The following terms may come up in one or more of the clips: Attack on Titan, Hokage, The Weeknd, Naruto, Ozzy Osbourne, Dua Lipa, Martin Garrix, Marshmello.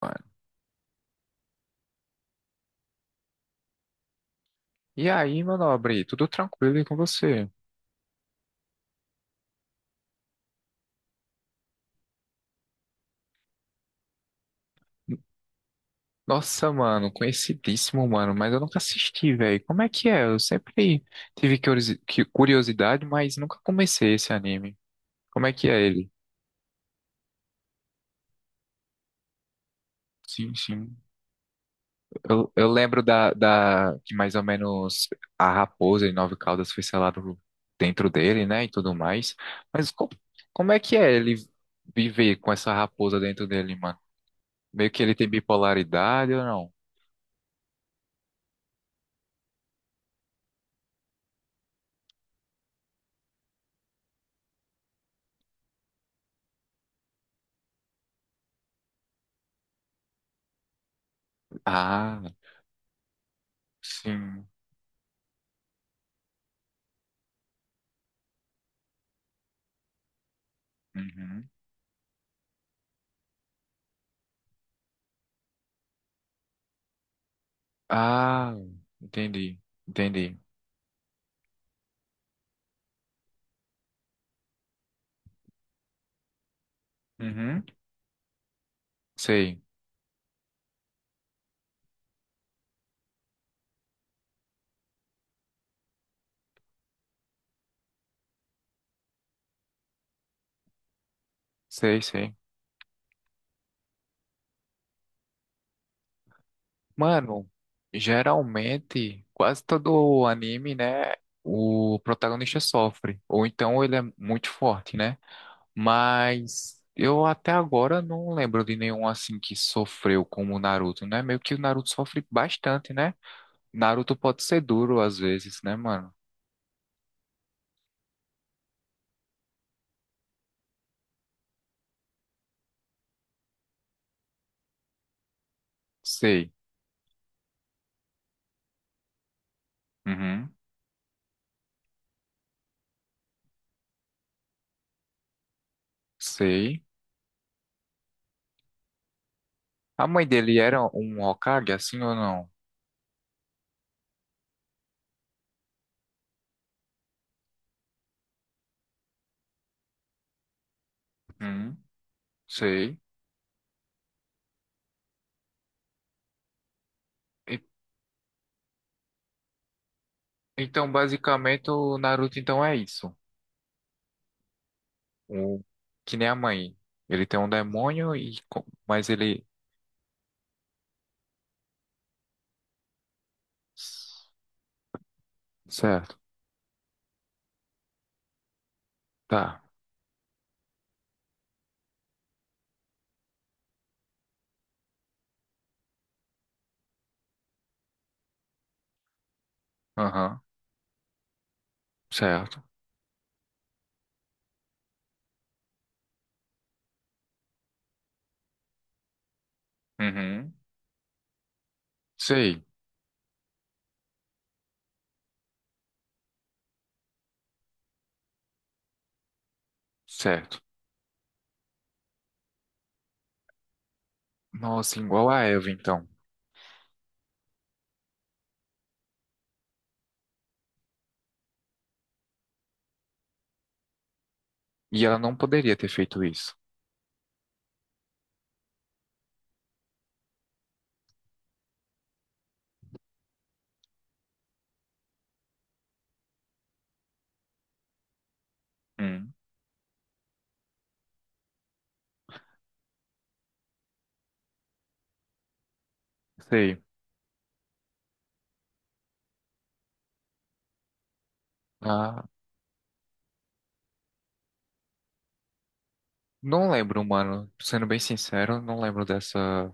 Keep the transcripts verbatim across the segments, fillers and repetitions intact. Mano. E aí, meu nobre, tudo tranquilo e com você? Nossa, mano, conhecidíssimo, mano, mas eu nunca assisti, velho. Como é que é? Eu sempre tive curiosi- que- curiosidade, mas nunca comecei esse anime. Como é que é ele? Sim, sim. Eu, eu lembro da, da que mais ou menos a raposa e nove caudas foi selado dentro dele, né, e tudo mais. Mas co- como é que é ele viver com essa raposa dentro dele, mano? Meio que ele tem bipolaridade ou não? Ah. Sim. Uhum. Ah, entendi. Entendi. Uhum. Sei, sei, sei. Mano, geralmente, quase todo anime, né? O protagonista sofre. Ou então ele é muito forte, né? Mas eu até agora não lembro de nenhum assim que sofreu como o Naruto, né? Meio que o Naruto sofre bastante, né? Naruto pode ser duro às vezes, né, mano? Sei. Uhum. Sei. A mãe dele era um Hokage, assim ou não? Hum, sei. E- então, basicamente, o Naruto então é isso. O, que nem a mãe. Ele tem um demônio e co- mas ele. Certo. Tá. Aham. Certo. Uhum. Sei. Certo. Nossa, igual a Eva então. E ela não poderia ter feito isso. Hum. Sei. Ah, não lembro, mano. Sendo bem sincero, não lembro dessa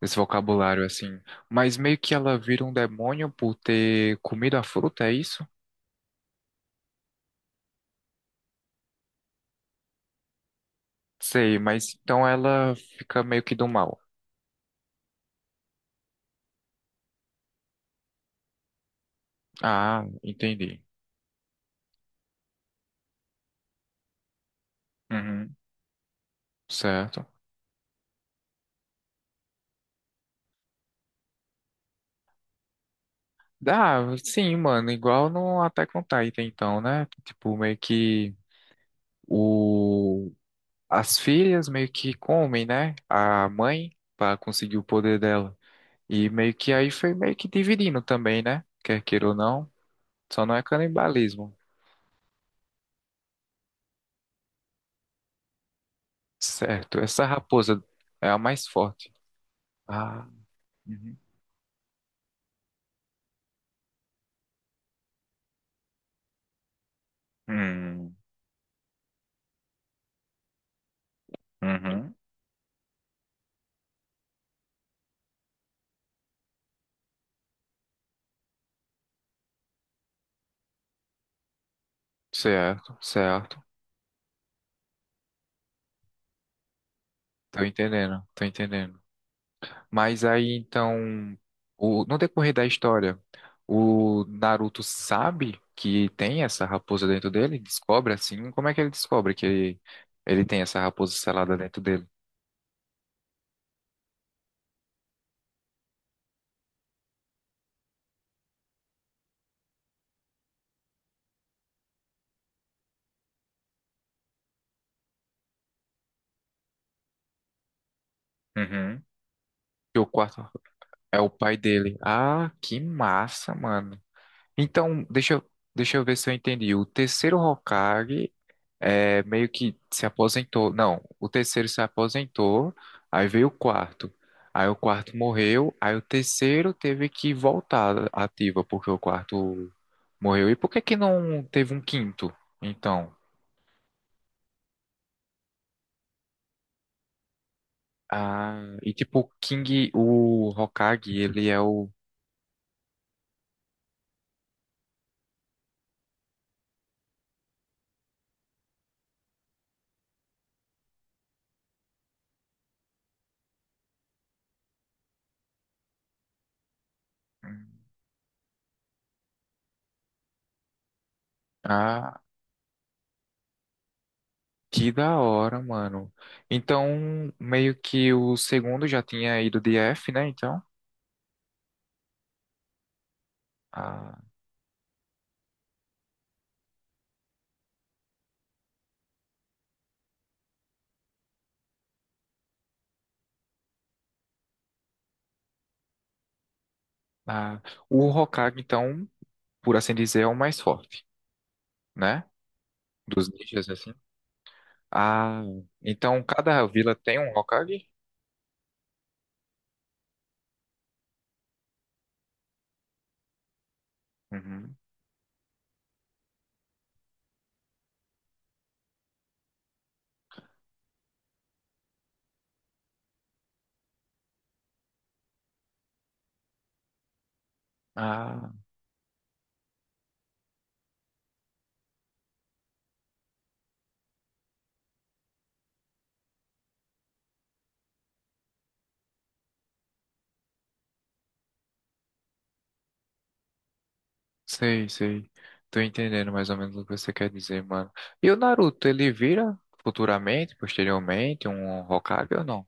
esse vocabulário assim. Mas meio que ela vira um demônio por ter comido a fruta, é isso? Sei, mas então ela fica meio que do mal. Ah, entendi. Uhum, certo. Dá, sim, mano, igual no Attack on Titan, então, né? Tipo, meio que o... as filhas meio que comem, né? A mãe para conseguir o poder dela. E meio que aí foi meio que dividindo também, né? Quer queira ou não, só não é canibalismo. Certo. Essa raposa é a mais forte. Ah, uhum. Hum, uhum. Certo, certo. Tô entendendo, tô entendendo. Mas aí então, o, no decorrer da história, o Naruto sabe que tem essa raposa dentro dele? Descobre assim? Como é que ele descobre que ele tem essa raposa selada dentro dele? Uhum. Que o quarto é o pai dele. Ah, que massa, mano. Então, deixa eu, deixa eu ver se eu entendi. O terceiro Hokage, é, meio que se aposentou. Não, o terceiro se aposentou, aí veio o quarto. Aí o quarto morreu, aí o terceiro teve que voltar ativa, porque o quarto morreu. E por que que não teve um quinto? Então, ah, e tipo, o King, o Hokage, ele é o. Ah, que da hora, mano. Então, meio que o segundo já tinha ido de F, né? Então, ah, ah, o Hokage, então. Por assim dizer, é o mais forte, né? Dos ninjas, assim. Ah, então cada vila tem um Hokage? Uhum. Ah, sei, sei. Tô entendendo mais ou menos o que você quer dizer, mano. E o Naruto, ele vira futuramente, posteriormente, um Hokage ou não?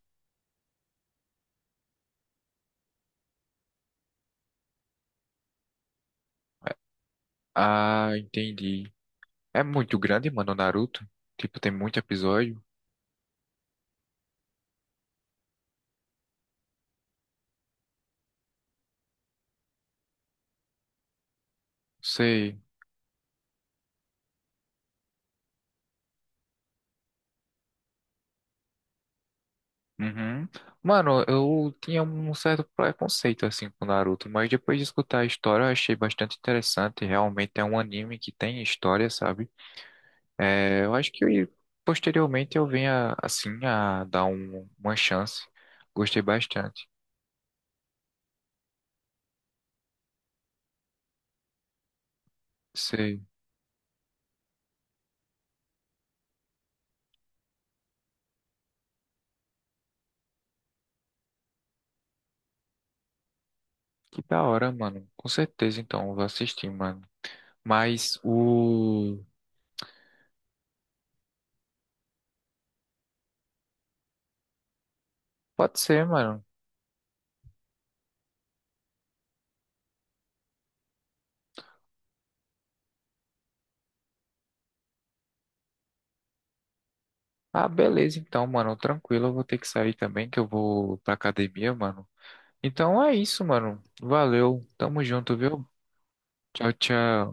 É- Ah, entendi. É muito grande, mano, o Naruto. Tipo, tem muito episódio. Sei. Uhum. Mano, eu tinha um certo preconceito assim com Naruto, mas depois de escutar a história eu achei bastante interessante. Realmente é um anime que tem história, sabe? É, eu acho que posteriormente eu venha assim a dar um- uma chance. Gostei bastante. Sei. Que da hora, mano. Com certeza, então, eu vou assistir, mano. Mas o. Pode ser, mano. Ah, beleza, então, mano. Tranquilo, eu vou ter que sair também, que eu vou pra academia, mano. Então é isso, mano. Valeu. Tamo junto, viu? Tchau, tchau.